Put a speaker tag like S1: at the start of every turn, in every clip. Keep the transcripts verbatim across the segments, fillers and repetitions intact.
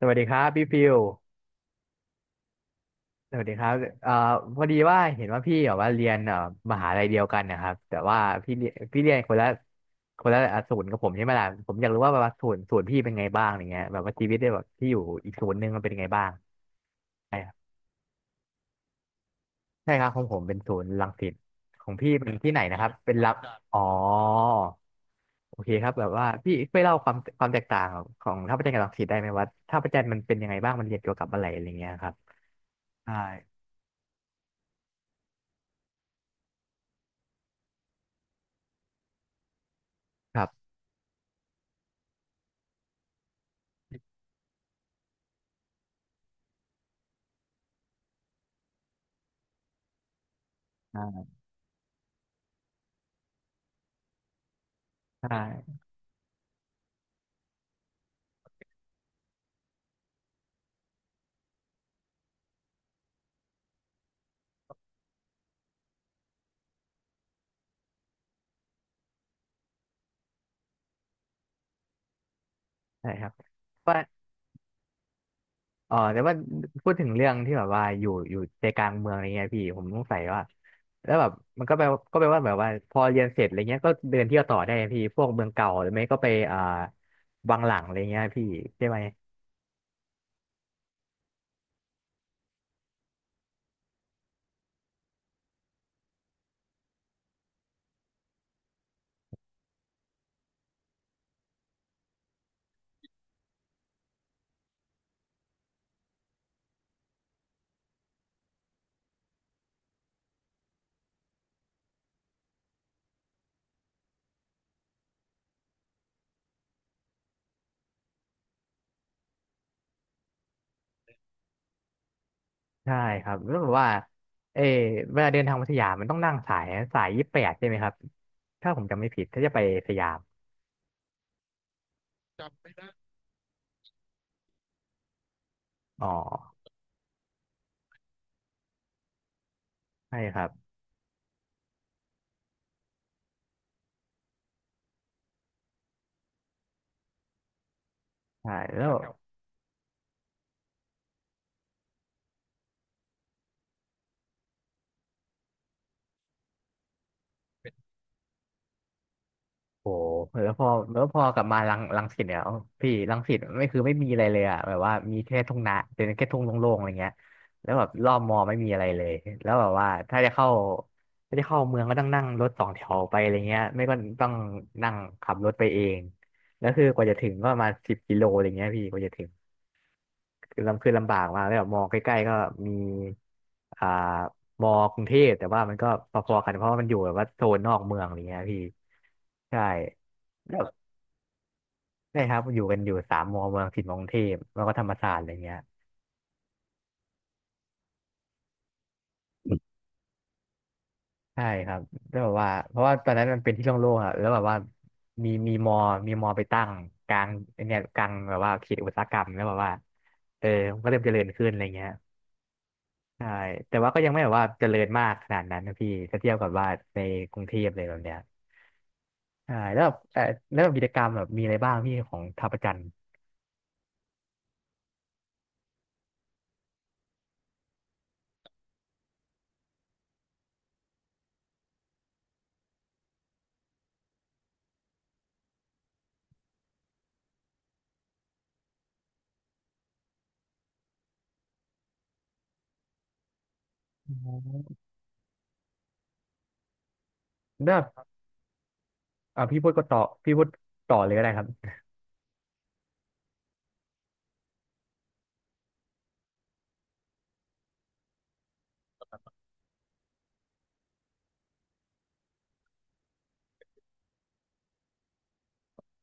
S1: สวัสดีครับพี่ฟิวสวัสดีครับเอ่อพอดีว่าเห็นว่าพี่แบบว่าเรียนเอ่อมหาลัยเดียวกันนะครับแต่ว่าพี่เรียพี่เรียนคนละคนละอ่ะศูนย์กับผมใช่ไหมล่ะผมอยากรู้ว่าแบบว่าศูนย์ศูนย์พี่เป็นไงบ้างอย่างเงี้ยแบบว่าชีวิตได้แบบที่อยู่อีกศูนย์หนึ่งมันเป็นยังไงบ้างใช่ครับใช่ครับของผมเป็นศูนย์รังสิตของพี่เป็นที่ไหนนะครับเป็นรับอ๋อโอเคครับแบบว่าพี่ช่วยเล่าความความแตกต่างของท่าพระจันทร์กับรังสิตได้ไหมว่าท่าพระจันทร์มันเป็นยังไงบ้างมันเรียนเกี่ยวกับอะไรอะไรเงี้ยครับใช่ครับอ่าใช่ใช่ครับ ว่าอ๋อแต่ว่าพูดถึงเรื่องที่แบบว่าอยู่อยู่ใจกลางเมืองอะไรเงี้ยพี่ผมสงสัยว่าแล้วแบบมันก็แปลก็แปลว่าแบบว่าพอเรียนเสร็จอะไรเงี้ยก็เดินเที่ยวต่อได้พี่พวกเมืองเก่าหรือไม่ก็ไปอ่าวังหลังอะไรเงี้ยพี่ใช่ไหมใช่ครับแล้วแบบว่าเออเวลาเดินทางมาสยามมันต้องนั่งสายสายยี่สิบแปดใช่ไหมครับถ้าผมจำไม่ผิดถ้าจะไปสยามอ๋อใช่ครับใช่แล้ว โอ้โหแล้วพอแล้วพอกลับมารังรังสิตเนี่ยเอาพี่รังสิตไม่คือไม่มีอะไรเลยอะแบบว่ามีแค่ทุ่งนาเป็นแค่ทุ่งโล่งๆอะไรเงี้ยแล้วแบบรอบมอไม่มีอะไรเลยแล้วแบบว่าถ้าจะเข้าถ้าจะเข้าเมืองก็ต้องนั่งรถสองแถวไปอะไรเงี้ยไม่ก็ต้องนั่งขับรถไปเองแล้วคือกว่าจะถึงก็ประมาณสิบกิโลอะไรเงี้ยพี่กว่าจะถึงคือลำคือลำบากมากแล้วแบบมอใกล้ๆก็มีอ่ามอกรุงเทพแต่ว่ามันก็พอๆกันเพราะว่ามันอยู่แบบว่าโซนนอกเมืองอะไรเงี้ยพี่ใช่ ใช่ครับอยู่กันอยู่สามมอเมืองสิทธิ์มกรุงเทพแล้วก็ธรรมศาสตร์อะไรเงี้ยใช่ครับแล้วแบบว่าเพราะว่าตอนนั้นมันเป็นที่โล่งๆอ่ะแล้วแบบว่ามีมีมอมีมอไปตั้งกลางไอ้เนี่ยกลางแบบว่าเขตอุตสาหกรรมแล้วแบบว่าเออมันก็เริ่มเจริญขึ้นอะไรเงี้ยใช่แต่ว่าก็ยังไม่แบบว่าเจริญมากขนาดนั้นนะพี่ถ้าเทียบกับว่าในกรุงเทพเลยแบบเนี้ยใช่แล้วแบบเออแล้วแบบกิจกรรมแบบมีอะไรบ้างพี่ของท่าประจันทร์อ๋อแล้วแบบเอ่าพี่พูดก็ต่อพี่พูดต่อเลยก็ได้ครับ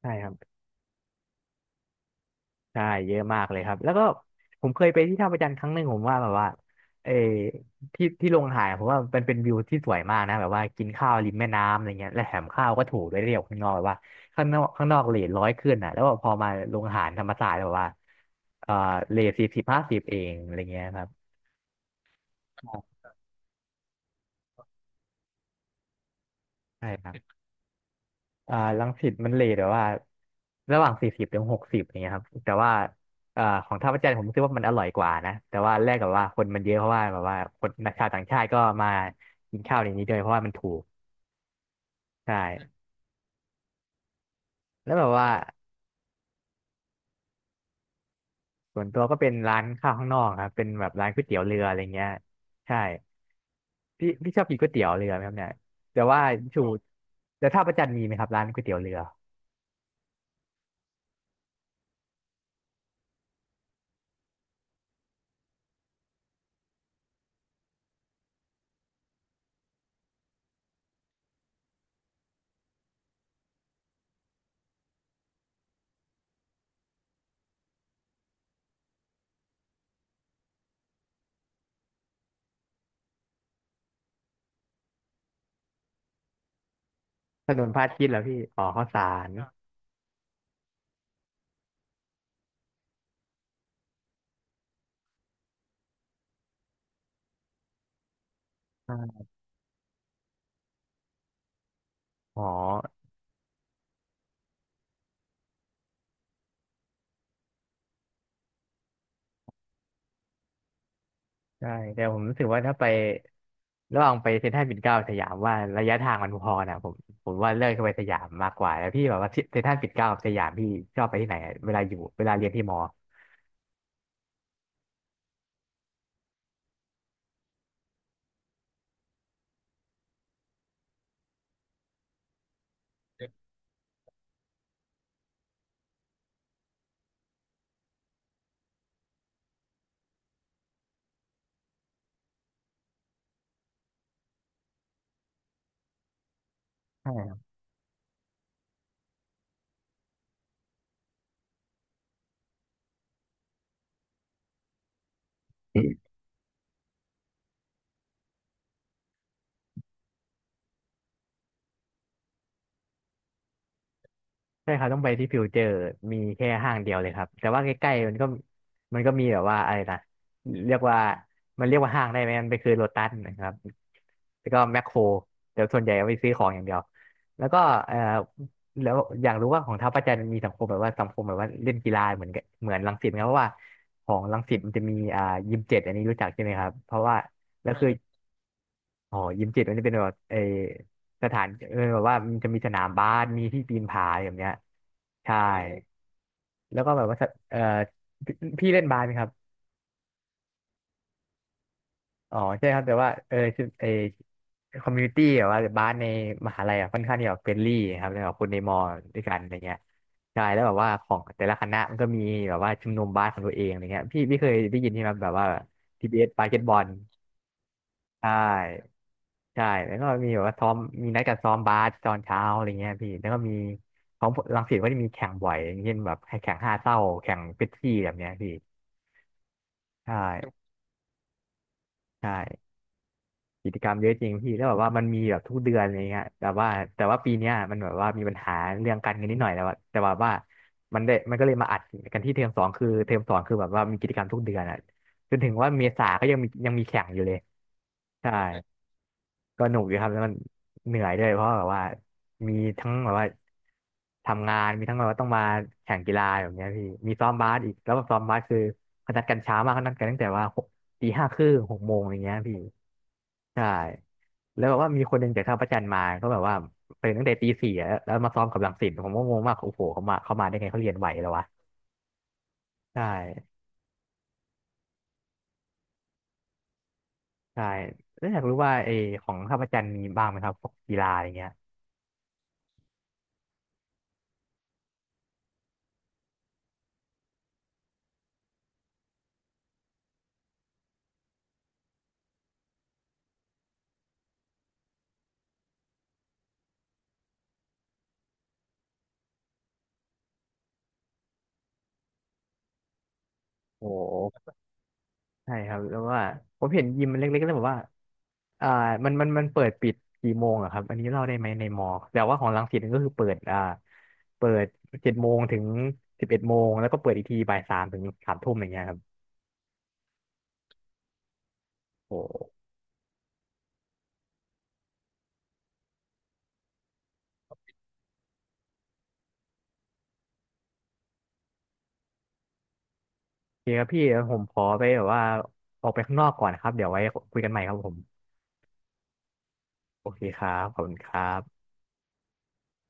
S1: ใช่ครับ ใช่เยอะมากเลยครับแล้วก็ผมเคยไปที่ท่าพระจันทร์ครั้งหนึ่งผมว่าแบบว่าเออที่ที่ลงอาหารผมว่ามันเป็นวิวที่สวยมากนะแบบว่ากินข้าวริมแม่น้ำอะไรเงี้ยและแถมข้าวก็ถูกด้วยเรียกข้างนอกแบบว่าข้างนอกข้างนอกเรทร้อยขึ้นอ่ะแล้วพอมาลงอาหารธรรมศาสตร์แบบว่าเออเรทสี่สิบห้าสิบเองอะไรเงี้ยครับใช่ครับ อ่ารังสิตมันเลทแบบว่าระหว่างสี่สิบถึงหกสิบอย่างเงี้ยครับแต่ว่าอ่าของท่าพระจันทร์ผมรู้สึกว่ามันอร่อยกว่านะแต่ว่าแรกกับว่าคนมันเยอะเพราะว่าแบบว่าคนชาวต่างชาติก็มากินข้าวในนี้ด้วยเพราะว่ามันถูกใช่แล้วแบบว่าส่วนตัวก็เป็นร้านข้าวข้างนอกครับเป็นแบบร้านก๋วยเตี๋ยวเรืออะไรเงี้ยใช่พี่พี่ชอบกินก๋วยเตี๋ยวเรือไหมครับเนี่ยแต่ว่าชูแต่ท่าพระจันทร์มีไหมครับร้านก๋วยเตี๋ยวเรือถนนพระอาทิตย์เหรอพี่อ๋อข้าวสารอ๋อ ใช่แต่ผมรู้สึกว่าถ้าไประหว่างไปเซ็นทรัลปิ่นเกล้าสยามว่าระยะทางมันพอนะผมผมว่าเลือกจะไปสยามมากกว่าแล้วพี่แบบว่าเซ็นทรัลปิ่นเกล้ากับสยามพี่ชอบไปที่ไหนอะเวลาอยู่เวลาเรียนที่มอใช่ ใช่ครับต้องไปที่ฟิวเจอร์มีแค่ห้างเดียวเลยครับแต่ว่าใกล้ๆมันก็มันก็มีแบบว่าอะไรนะเรียกว่ามันเรียกว่าห้างได้ไหมมันเปนคือโลตัสนะครับแล้วก็แมคโครแต่ส่วนใหญ่เอาไปซื้อของอย่างเดียวแล้วก็เอ่อแล้วอยากรู้ว่าของท้าวประจันทร์มีสังคมแบบว่าสังคมแบบว่าเล่นกีฬาเหมือนกับเหมือนรังสิตไหมครับเพราะว่าของรังสิตมันจะมีอ่ายิมเจ็ดอันนี้รู้จักใช่ไหมครับเพราะว่าแล้วคือ อ๋อยิมจิตมันจะเป็นแบบเออสถานเออแบบว่ามันจะมีสนามบาสมีที่ปีนผาอย่างเงี้ยใช่แล้วก็แบบว่าสะเออพี่พี่เล่นบาสไหมครับอ๋อใช่ครับแต่ว่าเออคือเออคอมมูนิตี้แบบว่าบาสในมหาลัยอะค่อนข้างที่แบบเฟรนลี่ครับแล้วแบบคนในมอด้วยกันอะไรเงี้ยใช่แล้วแบบว่าของแต่ละคณะมันก็มีแบบว่าชุมนุมบาสของตัวเองอะไรเงี้ยพี่พี่เคยได้ยินใช่ไหมแบบว่าทีบีเอสบาสเกตบอลใช่ ใช่แล้วก็มีแบบว่าซ้อมมีนัดกันซ้อมบาสตอนเช้าอะไรเงี้ยพี่แล้วก็มีของรังสิตก็จะมีแข่งบ่อยอย่างเช่นแบบให้แข่งห้าเศร้าแข่งเป็ปซี่แบบเนี้ยพี่ใช่ใช่กิจกรรมเยอะจริงพี่แล้วแบบว่ามันมีแบบทุกเดือนอะไรเงี้ยแต่ว่าแต่ว่าปีเนี้ยมันแบบว่ามีปัญหาเรื่องการเงินนิดหน่อยแต่ว่าแต่ว่าว่ามันได้มันก็เลยมาอัดกันที่เทอมสองคือเทอมสองคือแบบว่ามีกิจกรรมทุกเดือนอ่ะจนถึงว่าเมษาก็ยังมียังมีแข่งอยู่เลยใช่ ก็หนุกอยู่ครับแล้วมันเหนื่อยด้วยเพราะแบบว่ามีทั้งแบบว่าทำงานมีทั้งแบบว่าต้องมาแข่งกีฬาแบบเนี้ยพี่มีซ้อมบาสอีกแล้วแบบซ้อมบาสคือเขานัดกันเช้ามากเขานัดกันตั้งแต่ว่าหกตีห้าครึ่งหกโมงอย่างเงี้ยพี่ใช่แล้วแบบว่ามีคนหนึ่งจากท่าพระจันทร์มาก็แบบว่าตื่นตั้งแต่ตีสี่อะแล้วมาซ้อมกับรังสิตผมก็งงมากโอ้โหเขามาเขามาได้ไงเขาเรียนไหวแล้ววะใช่ใช่แล้วอยากรู้ว่าไอของท่าพระจันทร์มีบ้างไหมครับพวกกีฬาอย่างเงี้ยโอ้ ใช่ครับแล้วว่าผมเห็นยิมมันเล็กๆแล้วแบบว่าอ่ามันมันมันเปิดปิดกี่โมงอะครับอันนี้เล่าได้ไหมในมอแต่ว่าของรังสิตนี่ก็คือเปิดอ่าเปิดเจ็ดโมงถึงสิบเอ็ดโมงแล้วก็เปิดอีกทีบ่ายสามถึงสามทุ่มอย่างเงี้ยครับโอ้โอเคครับพี่เดี๋ยวผมขอไปแบบว่าออกไปข้างนอกก่อนนะครับเดี๋ยวไว้คุยกันใหม่ครับผมโอเคครับขอบคุณครับ